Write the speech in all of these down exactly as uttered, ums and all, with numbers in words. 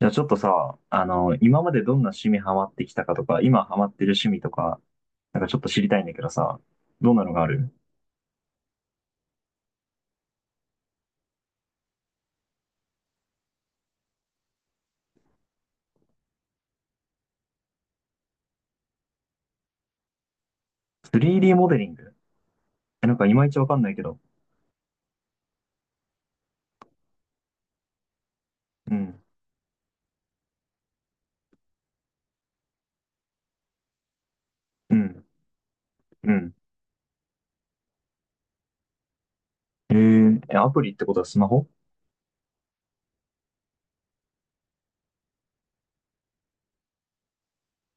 じゃあちょっとさ、あの、今までどんな趣味ハマってきたかとか、今ハマってる趣味とか、なんかちょっと知りたいんだけどさ、どんなのがある？ スリーディー モデリング？え、なんかいまいちわかんないけど。うん、うん、うん。えー、え、アプリってことはスマホ？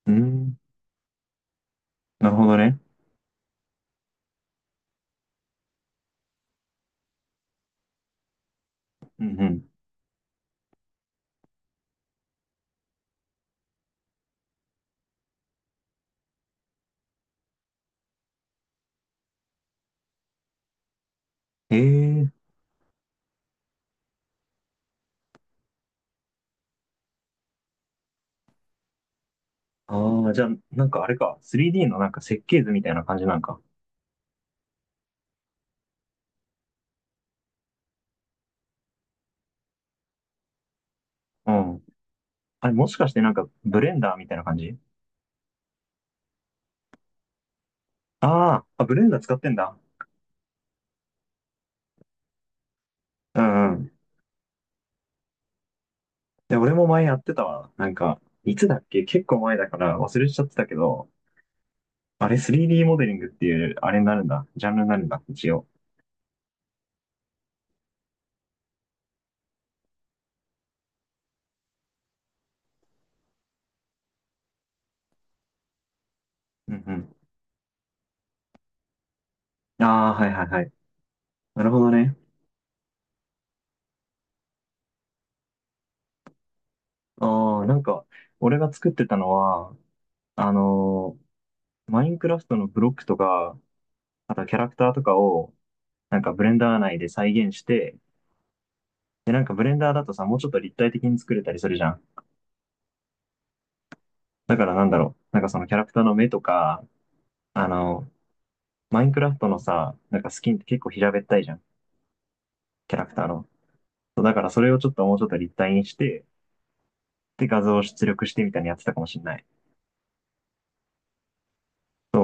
うん、なるほどね。うん、うん。えー、ああ、じゃあなんかあれか、スリーディー のなんか設計図みたいな感じなんか？うん。あれもしかしてなんかブレンダーみたいな感じ？ああー、あ、ブレンダー使ってんだ。うん。で、俺も前やってたわ。なんか、いつだっけ結構前だから忘れちゃってたけど、あれ スリーディー モデリングっていう、あれになるんだ。ジャンルになるんだ、一応。うんうん。ああ、はいはいはい。なるほどね。ああ、なんか、俺が作ってたのは、あのーマインクラフトのブロックとか、あとキャラクターとかを、なんかブレンダー内で再現して、で、なんかブレンダーだとさ、もうちょっと立体的に作れたりするじゃん。だからなんだろう。なんかそのキャラクターの目とか、あの、マインクラフトのさ、なんかスキンって結構平べったいじゃん。キャラクターの。そうだからそれをちょっともうちょっと立体にして、で、画像を出力してみたいにやってたかもしんない。そ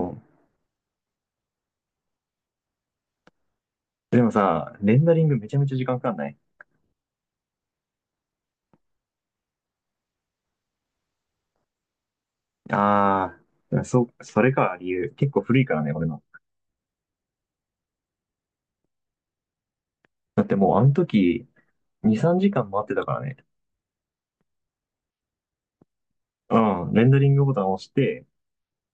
う。でもさ、レンダリングめちゃめちゃ時間かかんない？ああ、そう、それか、理由。結構古いからね、俺の。だってもうあの時、に、さんじかん待ってたからね。うん、レンダリングボタンを押して、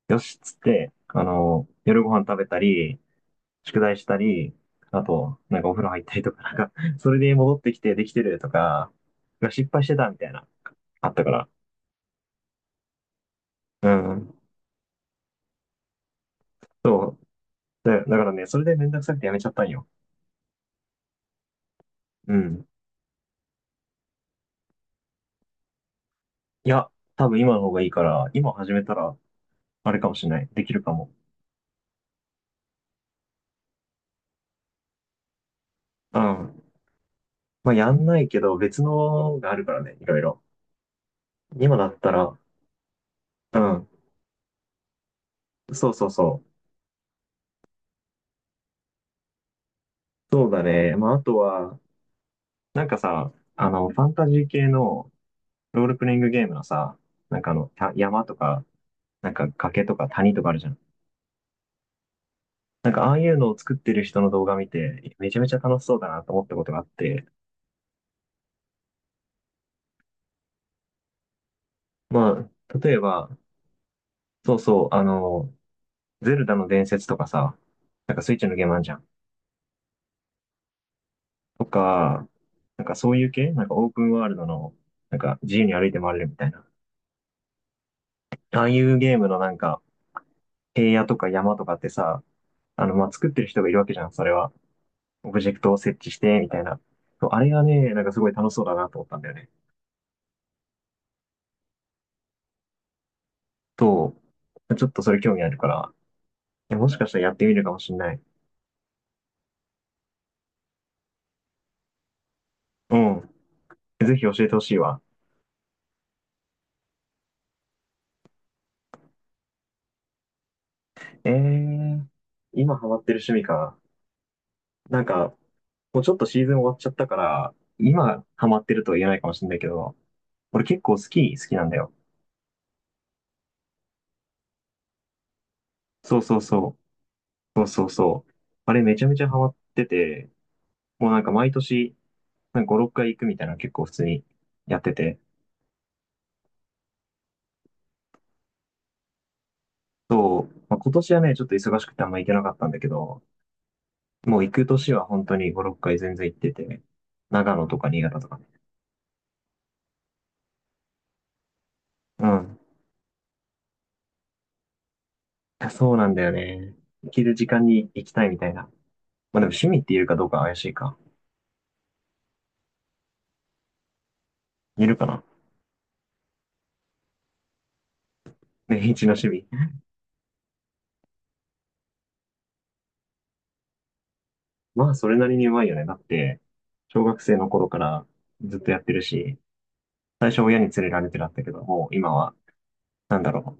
よしっつって、あの、夜ご飯食べたり、宿題したり、あと、なんかお風呂入ったりとか、なんか、それで戻ってきてできてるとか、失敗してたみたいな、あったから。うん。そう。だ、だからね、それでめんどくさくてやめちゃったんよ。うん。いや、多分今の方がいいから、今始めたら、あれかもしれない。できるかも。うん。まあ、やんないけど、別のがあるからね、いろいろ。今だったら、うん。そうそうそう。そうだね。まあ、あとは、なんかさ、あの、ファンタジー系の、ロールプレイングゲームのさ、なんかあの、た山とか、なんか崖とか谷とかあるじゃん。なんかああいうのを作ってる人の動画見て、めちゃめちゃ楽しそうだなと思ったことがあって、まあ、例えば、そうそう、あの、ゼルダの伝説とかさ、なんかスイッチのゲームあんじゃん。とか、なんかそういう系なんかオープンワールドの、なんか自由に歩いて回れるみたいな。ああいうゲームのなんか、平野とか山とかってさ、あの、まあ、作ってる人がいるわけじゃん、それは。オブジェクトを設置して、みたいな。そうあれがね、なんかすごい楽しそうだなと思ったんだよね。と、ちょっとそれ興味あるから、えもしかしたらやってみるかもしんない。うん。ぜひ教えてほしいわ。えー、今ハマってる趣味か。なんか、もうちょっとシーズン終わっちゃったから、今ハマってるとは言えないかもしんないけど、俺結構スキー好きなんだよ。そうそうそう。そうそうそう。あれめちゃめちゃハマってて、もうなんか毎年、なんかご、ろっかい行くみたいなの結構普通にやってて、そう、まあ、今年はね、ちょっと忙しくてあんま行けなかったんだけど、もう行く年は本当にご、ろっかい全然行ってて、長野とか新潟とかね。うん。いやそうなんだよね。行ける時間に行きたいみたいな。まあでも趣味って言うかどうか怪しいか。言えるかな？ 年一の趣味。まあそれなりにうまいよね。だって、小学生の頃からずっとやってるし、最初親に連れられてだったけど、もう今は、なんだろ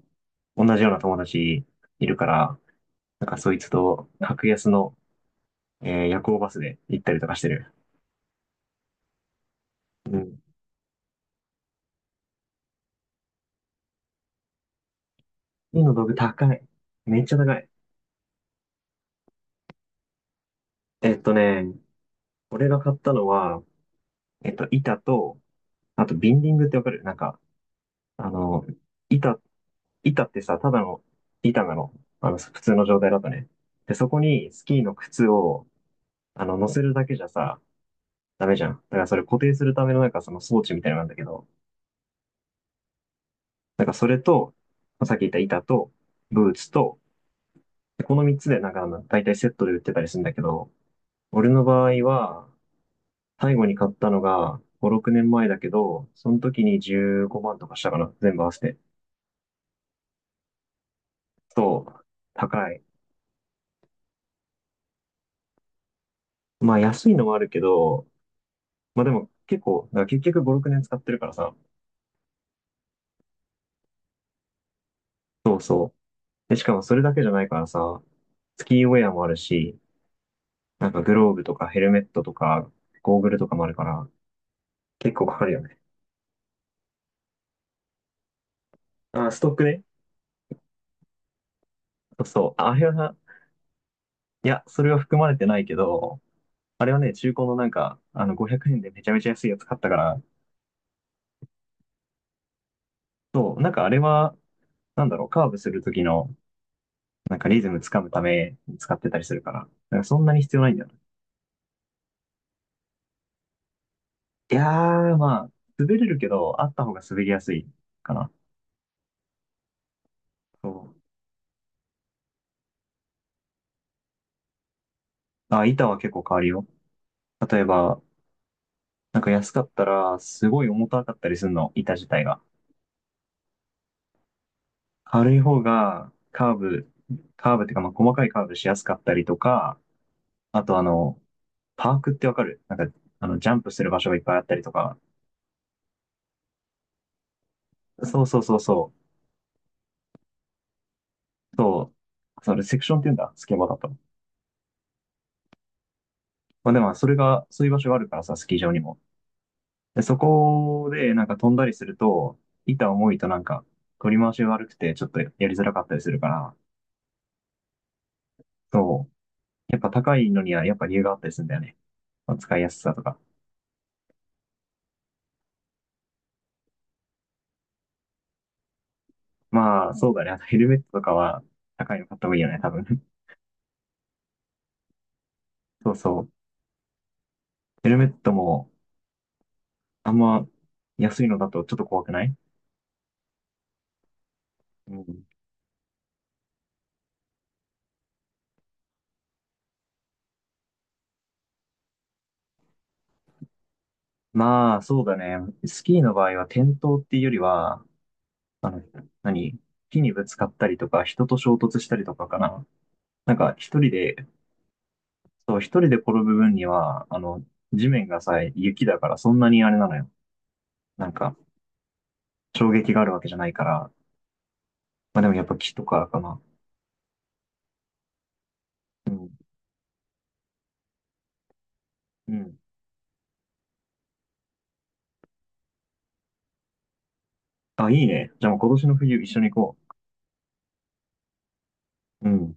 う。同じような友達いるから、なんかそいつと格安の、えー夜行バスで行ったりとかしてる。うん。木の道具高い。めっちゃ高い。えっとね、俺が買ったのは、えっと、板と、あと、ビンディングってわかる？なんか、あの、板、板ってさ、ただの板なの。あの、普通の状態だとね。で、そこにスキーの靴を、あの、乗せるだけじゃさ、ダメじゃん。だからそれ固定するためのなんかその装置みたいなのなんだけど、なんかそれと、まあさっき言った板と、ブーツと、でこのみっつでなんかあの、大体セットで売ってたりするんだけど、俺の場合は、最後に買ったのがご、ろくねんまえだけど、その時にじゅうごまんとかしたかな、全部合わせて。そう、高い。まあ安いのもあるけど、まあでも結構、だから結局ご、ろくねん使ってるからさ、そうそう。で、しかもそれだけじゃないからさ、スキーウェアもあるし、なんかグローブとかヘルメットとか、ゴーグルとかもあるから、結構かかるよね。あ、ストックね。そうそう。ああれはな、いや、それは含まれてないけど、あれはね、中古のなんか、あの、ごひゃくえんでめちゃめちゃ安いやつ買ったから、そう、なんかあれは、なんだろう、カーブする時の、なんかリズムつかむために使ってたりするから、なんかそんなに必要ないんだよね。いやー、まあ、滑れるけど、あった方が滑りやすいかな。そう。あ、板は結構変わるよ。例えば、なんか安かったら、すごい重たかったりするの、板自体が。軽い方が、カーブ、カーブっていうか、まあ、細かいカーブしやすかったりとか、あとあの、パークってわかる？なんか、あの、ジャンプする場所がいっぱいあったりとか。そうそうそうそう。そう。それ、セクションって言うんだ。スケボーだと。まあでも、それが、そういう場所があるからさ、スキー場にも。で、そこで、なんか飛んだりすると、板重いとなんか、取り回しが悪くて、ちょっとやりづらかったりするから、そう。やっぱ高いのには、やっぱ理由があったりするんだよね。まあ、使いやすさとか。まあ、そうだね。あとヘルメットとかは、高いの買った方がいいよね、多分。そうそう。ヘルメットも、あんま、安いのだとちょっと怖くない？うん。まあ、そうだね。スキーの場合は、転倒っていうよりは、あの、何木にぶつかったりとか、人と衝突したりとかかな。なんか一人で、そう、一人で転ぶ分には、あの、地面がさ、雪だからそんなにあれなのよ。なんか、衝撃があるわけじゃないから。まあでもやっぱ木とかかな。うん。うん。あ、いいね。じゃあもう今年の冬一緒に行こう。うん。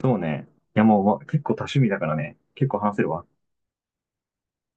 そうね。いやもう、ま結構多趣味だからね。結構話せるわ。